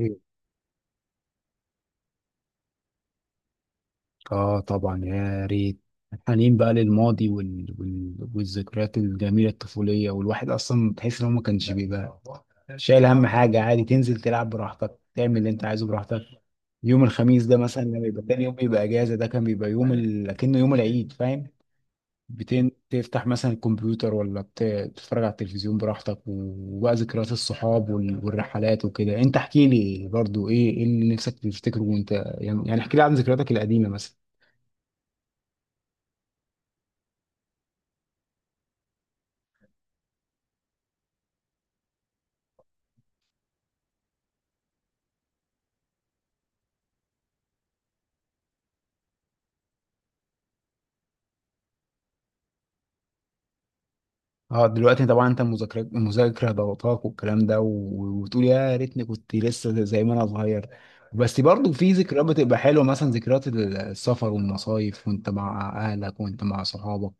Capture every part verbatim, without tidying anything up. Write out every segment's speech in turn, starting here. إيه. اه طبعا يا ريت. حنين بقى للماضي وال... وال... والذكريات الجميله الطفوليه، والواحد اصلا تحس ان هو ما كانش بيبقى شايل هم حاجه. عادي تنزل تلعب براحتك، تعمل اللي انت عايزه براحتك. يوم الخميس ده مثلا لما يبقى تاني يوم بيبقى اجازه، ده كان بيبقى يوم ال... كأنه يوم العيد، فاهم؟ بتن... تفتح مثلا الكمبيوتر، ولا بت... تتفرج على التلفزيون براحتك. وبقى ذكريات الصحاب وال... والرحلات وكده. انت احكي لي برضو ايه ايه اللي نفسك تفتكره وانت، يعني يعني احكي لي عن ذكرياتك القديمه مثلا. اه دلوقتي طبعا انت المذاكره المذاكره ضغطاك والكلام ده، و- وتقول يا ريتني كنت لسه زي زي ما انا صغير. بس برضو في ذكريات بتبقى حلوه، مثلا ذكريات السفر والمصايف، وانت مع اهلك وانت مع صحابك.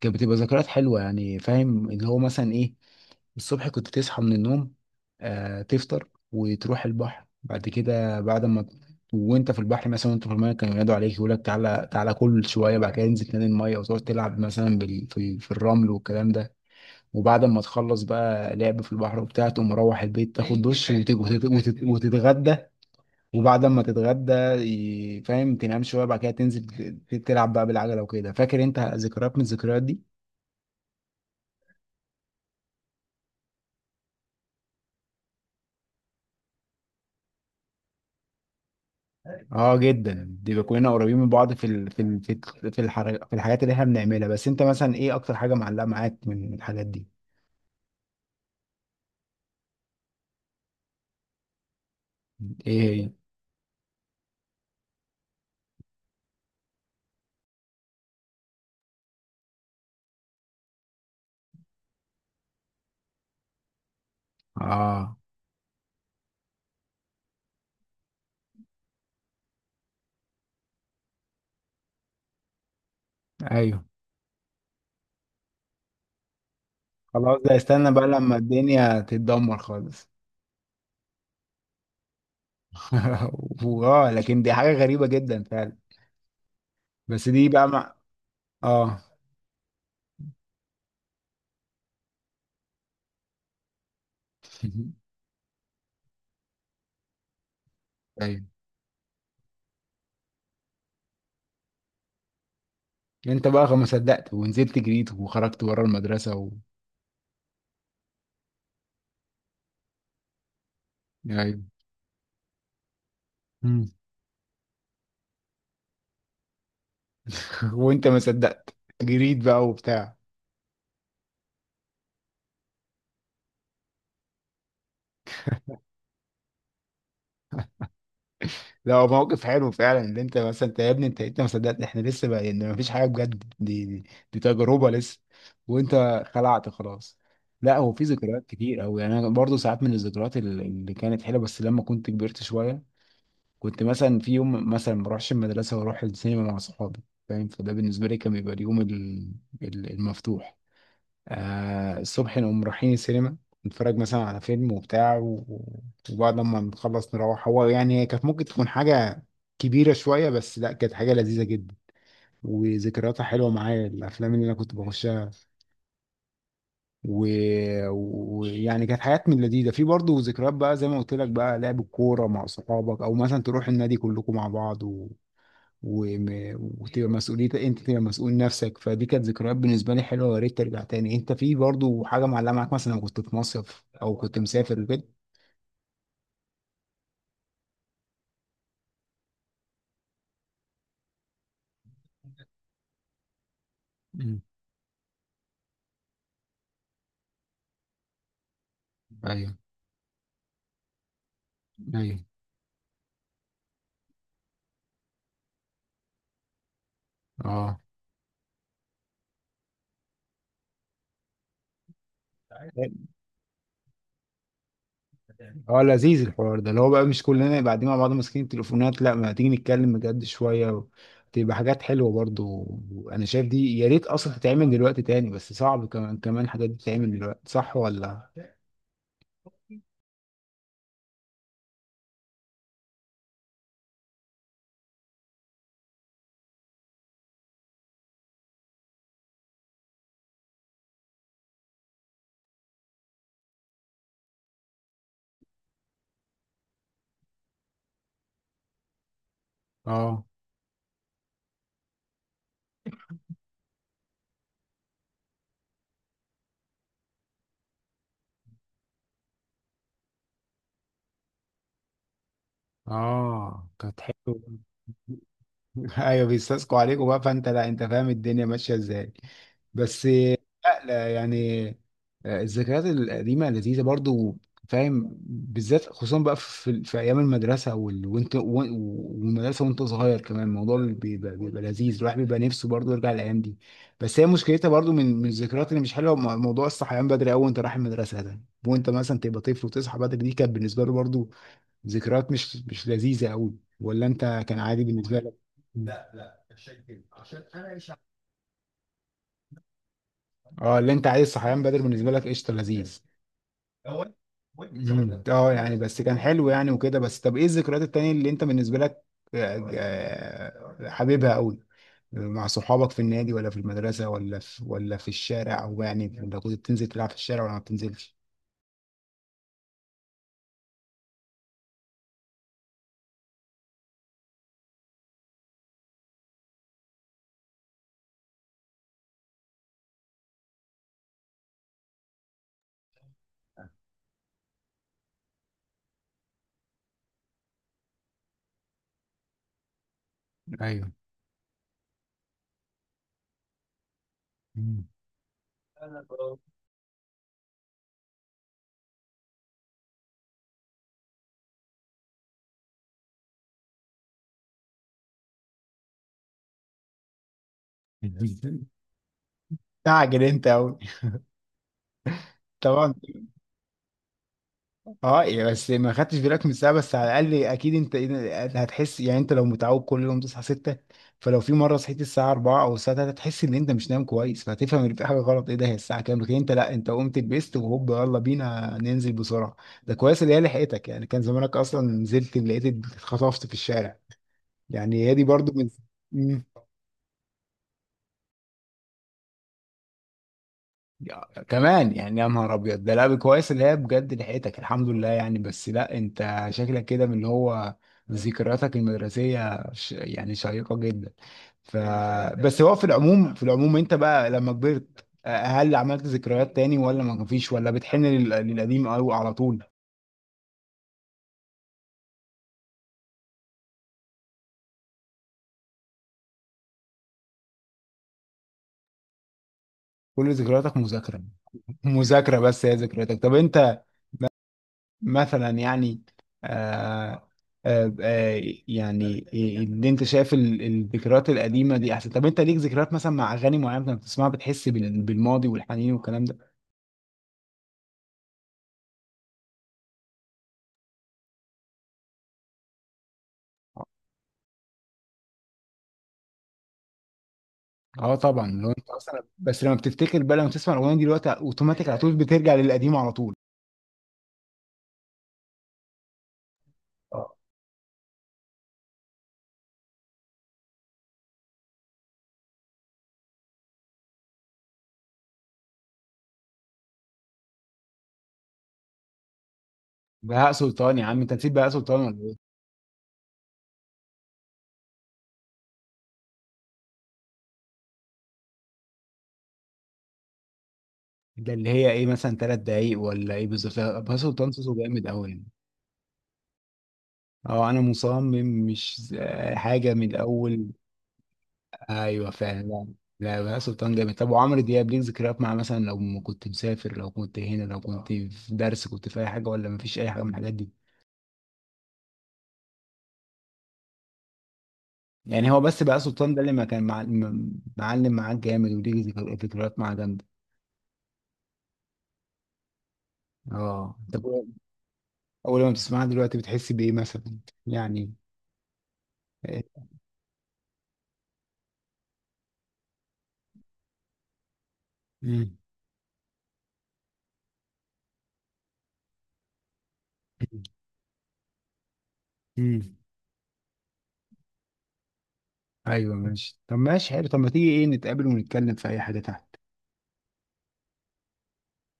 كانت بتبقى ذكريات حلوه يعني، فاهم؟ اللي هو مثلا ايه، الصبح كنت تصحى من النوم، آه تفطر وتروح البحر بعد كده. بعد ما وانت في البحر مثلا، وانت في الميه كانوا ينادوا عليك، يقول لك تعالى تعالى كل شويه. بعد كده انزل تاني الميه وتقعد تلعب مثلا بال... في... في الرمل والكلام ده. وبعد ما تخلص بقى لعب في البحر وبتاع، تقوم مروح البيت، تاخد دش وت- وت- وت- وتتغدى. وبعد ما تتغدى ي- فاهم، تنام شويه، بعد كده تنزل ت- تلعب بقى بالعجله وكده. فاكر انت ذكريات من الذكريات دي؟ اه جدا. دي كلنا قريبين من بعض في ال... في ال... في ال- في, الحر... في الحاجات اللي احنا بنعملها. بس انت مثلا ايه اكتر حاجه معلقه معاك من الحاجات دي؟ ايه هي؟ اه، ايوه. خلاص ده استنى بقى لما الدنيا تتدمر خالص. واه، لكن دي حاجه غريبه جدا فعلا. بس دي بقى مع... اه. ايوه، انت بقى ما صدقت ونزلت جريت وخرجت بره المدرسه و... ايوه. مم. وانت ما صدقت، جريت بقى وبتاع. لا، هو موقف حلو فعلا، ان انت مثلا انت يا ابني، انت انت ما صدقت. احنا لسه بقى يعني ما فيش حاجه بجد، دي, دي دي تجربه لسه، وانت خلعت خلاص. لا، هو في ذكريات كتير قوي يعني. انا برضه ساعات من الذكريات اللي اللي كانت حلوه، بس لما كنت كبرت شويه. كنت مثلا في يوم مثلا ما اروحش المدرسه واروح السينما مع صحابي، فاهم؟ فده بالنسبه لي كان بيبقى اليوم ال- ال- المفتوح. آه الصبح نقوم رايحين السينما، نتفرج مثلا على فيلم وبتاع، و- و- وبعد ما نخلص نروح. هو يعني هي كانت ممكن تكون حاجه كبيره شويه، بس لا، كانت حاجه لذيذه جدا، وذكرياتها حلوه معايا، الافلام اللي انا كنت بخشها. ويعني و... و- يعني كانت حاجات من لذيذه. في برضه ذكريات بقى زي ما قلت لك بقى، لعب الكوره مع صحابك، او مثلا تروح النادي كلكم مع بعض، وم... وتبقى مسؤوليتك، انت تبقى مسؤول نفسك. فدي كانت ذكريات بالنسبه لي حلوه، ويا ريت ترجع تاني. انت في برضو حاجه معلقه معاك مثلا، لو كنت في مصيف او كنت مسافر وكده؟ مم. ايوه. ايوه. اه. اه لذيذ الحوار ده، اللي هو بقى مش كلنا يبقى قاعدين مع بعض ماسكين التليفونات، لا، ما تيجي نتكلم بجد شويه و... تبقى حاجات حلوه برضو. انا شايف دي يا ريت اصلا تتعمل دلوقتي تاني، بس صعب، كمان كمان الحاجات دي تتعمل دلوقتي، صح ولا؟ اه. اه كانت حلوه. ايوه بيستسقوا عليكم بقى، فانت لا، انت فاهم الدنيا ماشيه ازاي. بس لا، لا يعني. آه، الذكريات القديمه لذيذه برضو، فاهم؟ بالذات خصوصا بقى في, في ايام المدرسه وال... وانت و- والمدرسه، وانت صغير كمان الموضوع بيبقى, بيبقى لذيذ. الواحد بيبقى نفسه برضو يرجع الايام دي. بس هي مشكلتها برضو من من الذكريات اللي مش حلوه، مو- موضوع الصحيان بدري قوي وانت رايح المدرسه ده. وانت مثلا تبقى طفل وتصحى بدري، دي كانت بالنسبه له برضو ذكريات مش مش لذيذه قوي، ولا انت كان عادي بالنسبه لك؟ اه، اللي انت عايز صحيان بدري بالنسبه لك قشطه لذيذ. مم. اه يعني بس كان حلو يعني وكده. بس طب ايه الذكريات التانية اللي انت بالنسبه لك آه، آه، حبيبها قوي؟ مع صحابك في النادي، ولا في المدرسه، ولا في ولا في الشارع؟ او يعني انت كنت بتنزل تلعب في الشارع ولا ما بتنزلش؟ ايوه. مم. تعجل انت قوي، طبعا. اه يعني بس ما خدتش بالك من الساعه، بس على الاقل اكيد انت إيه، هتحس يعني، انت لو متعود كل يوم تصحى ستة، فلو في مره صحيت الساعه اربعة او الساعه الثالثة هتحس ان انت مش نايم كويس، فهتفهم ان في حاجه غلط، ايه ده، هي الساعه كام؟ لكن انت لا، انت قمت لبست وهوب يلا بينا ننزل بسرعه. ده كويس اللي هي لحقتك، يعني كان زمانك اصلا نزلت لقيت اتخطفت في الشارع، يعني هي دي برضو من يا- كمان. يعني يا نهار ابيض، ده لعب كويس اللي هي بجد لحقتك الحمد لله يعني. بس لا، انت شكلك كده من اللي هو ذكرياتك المدرسيه ش... يعني شيقه جدا. ف. بس هو في العموم في العموم انت بقى لما كبرت آه، هل عملت ذكريات تاني، ولا ما فيش، ولا بتحن لل... للقديم قوي على طول؟ كل ذكرياتك مذاكره. مذاكره، بس هي ذكرياتك. طب انت مثلا يعني آه، آه، آه، يعني اللي انت شايف ال- الذكريات القديمه دي احسن؟ طب انت ليك ذكريات مثلا مع اغاني معينه كنت بتسمعها بتحس بال- بالماضي والحنين والكلام ده؟ اه طبعا، لو انت اصلا بس لما بتفتكر بقى، لما تسمع الاغنيه دي دلوقتي اوتوماتيك على طول بترجع للقديم على طول. بهاء سلطان يا عم، انت نسيت بهاء سلطان ولا ايه؟ ده اللي هي ايه، مثلا ثلاث دقايق، ولا ايه بالظبط؟ لا، بهاء سلطان صوته جامد قوي يعني. اه انا مصمم، مش ز- حاجه من الاول. ايوه فعلا. لا، لا، بهاء سلطان جامد. طب وعمرو دياب ليك ذكريات مع، مثلا لو م- كنت مسافر، لو كنت هنا، لو كنت في درس، كنت في اي حاجه، ولا مفيش اي حاجه من الحاجات دي؟ يعني هو بس بهاء سلطان ده اللي ما كان مع... م- معلم معاك جامد، وليك ذكر- ذكريات معاه جامده. اه. طب و- اول ما بتسمعها دلوقتي بتحس بايه مثلا، يعني؟ إيه؟ مم. مم. ايوه ماشي. طب ماشي حلو، طب ما تيجي ايه نتقابل ونتكلم في اي حاجه تحت.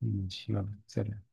ماشي يلا سلام.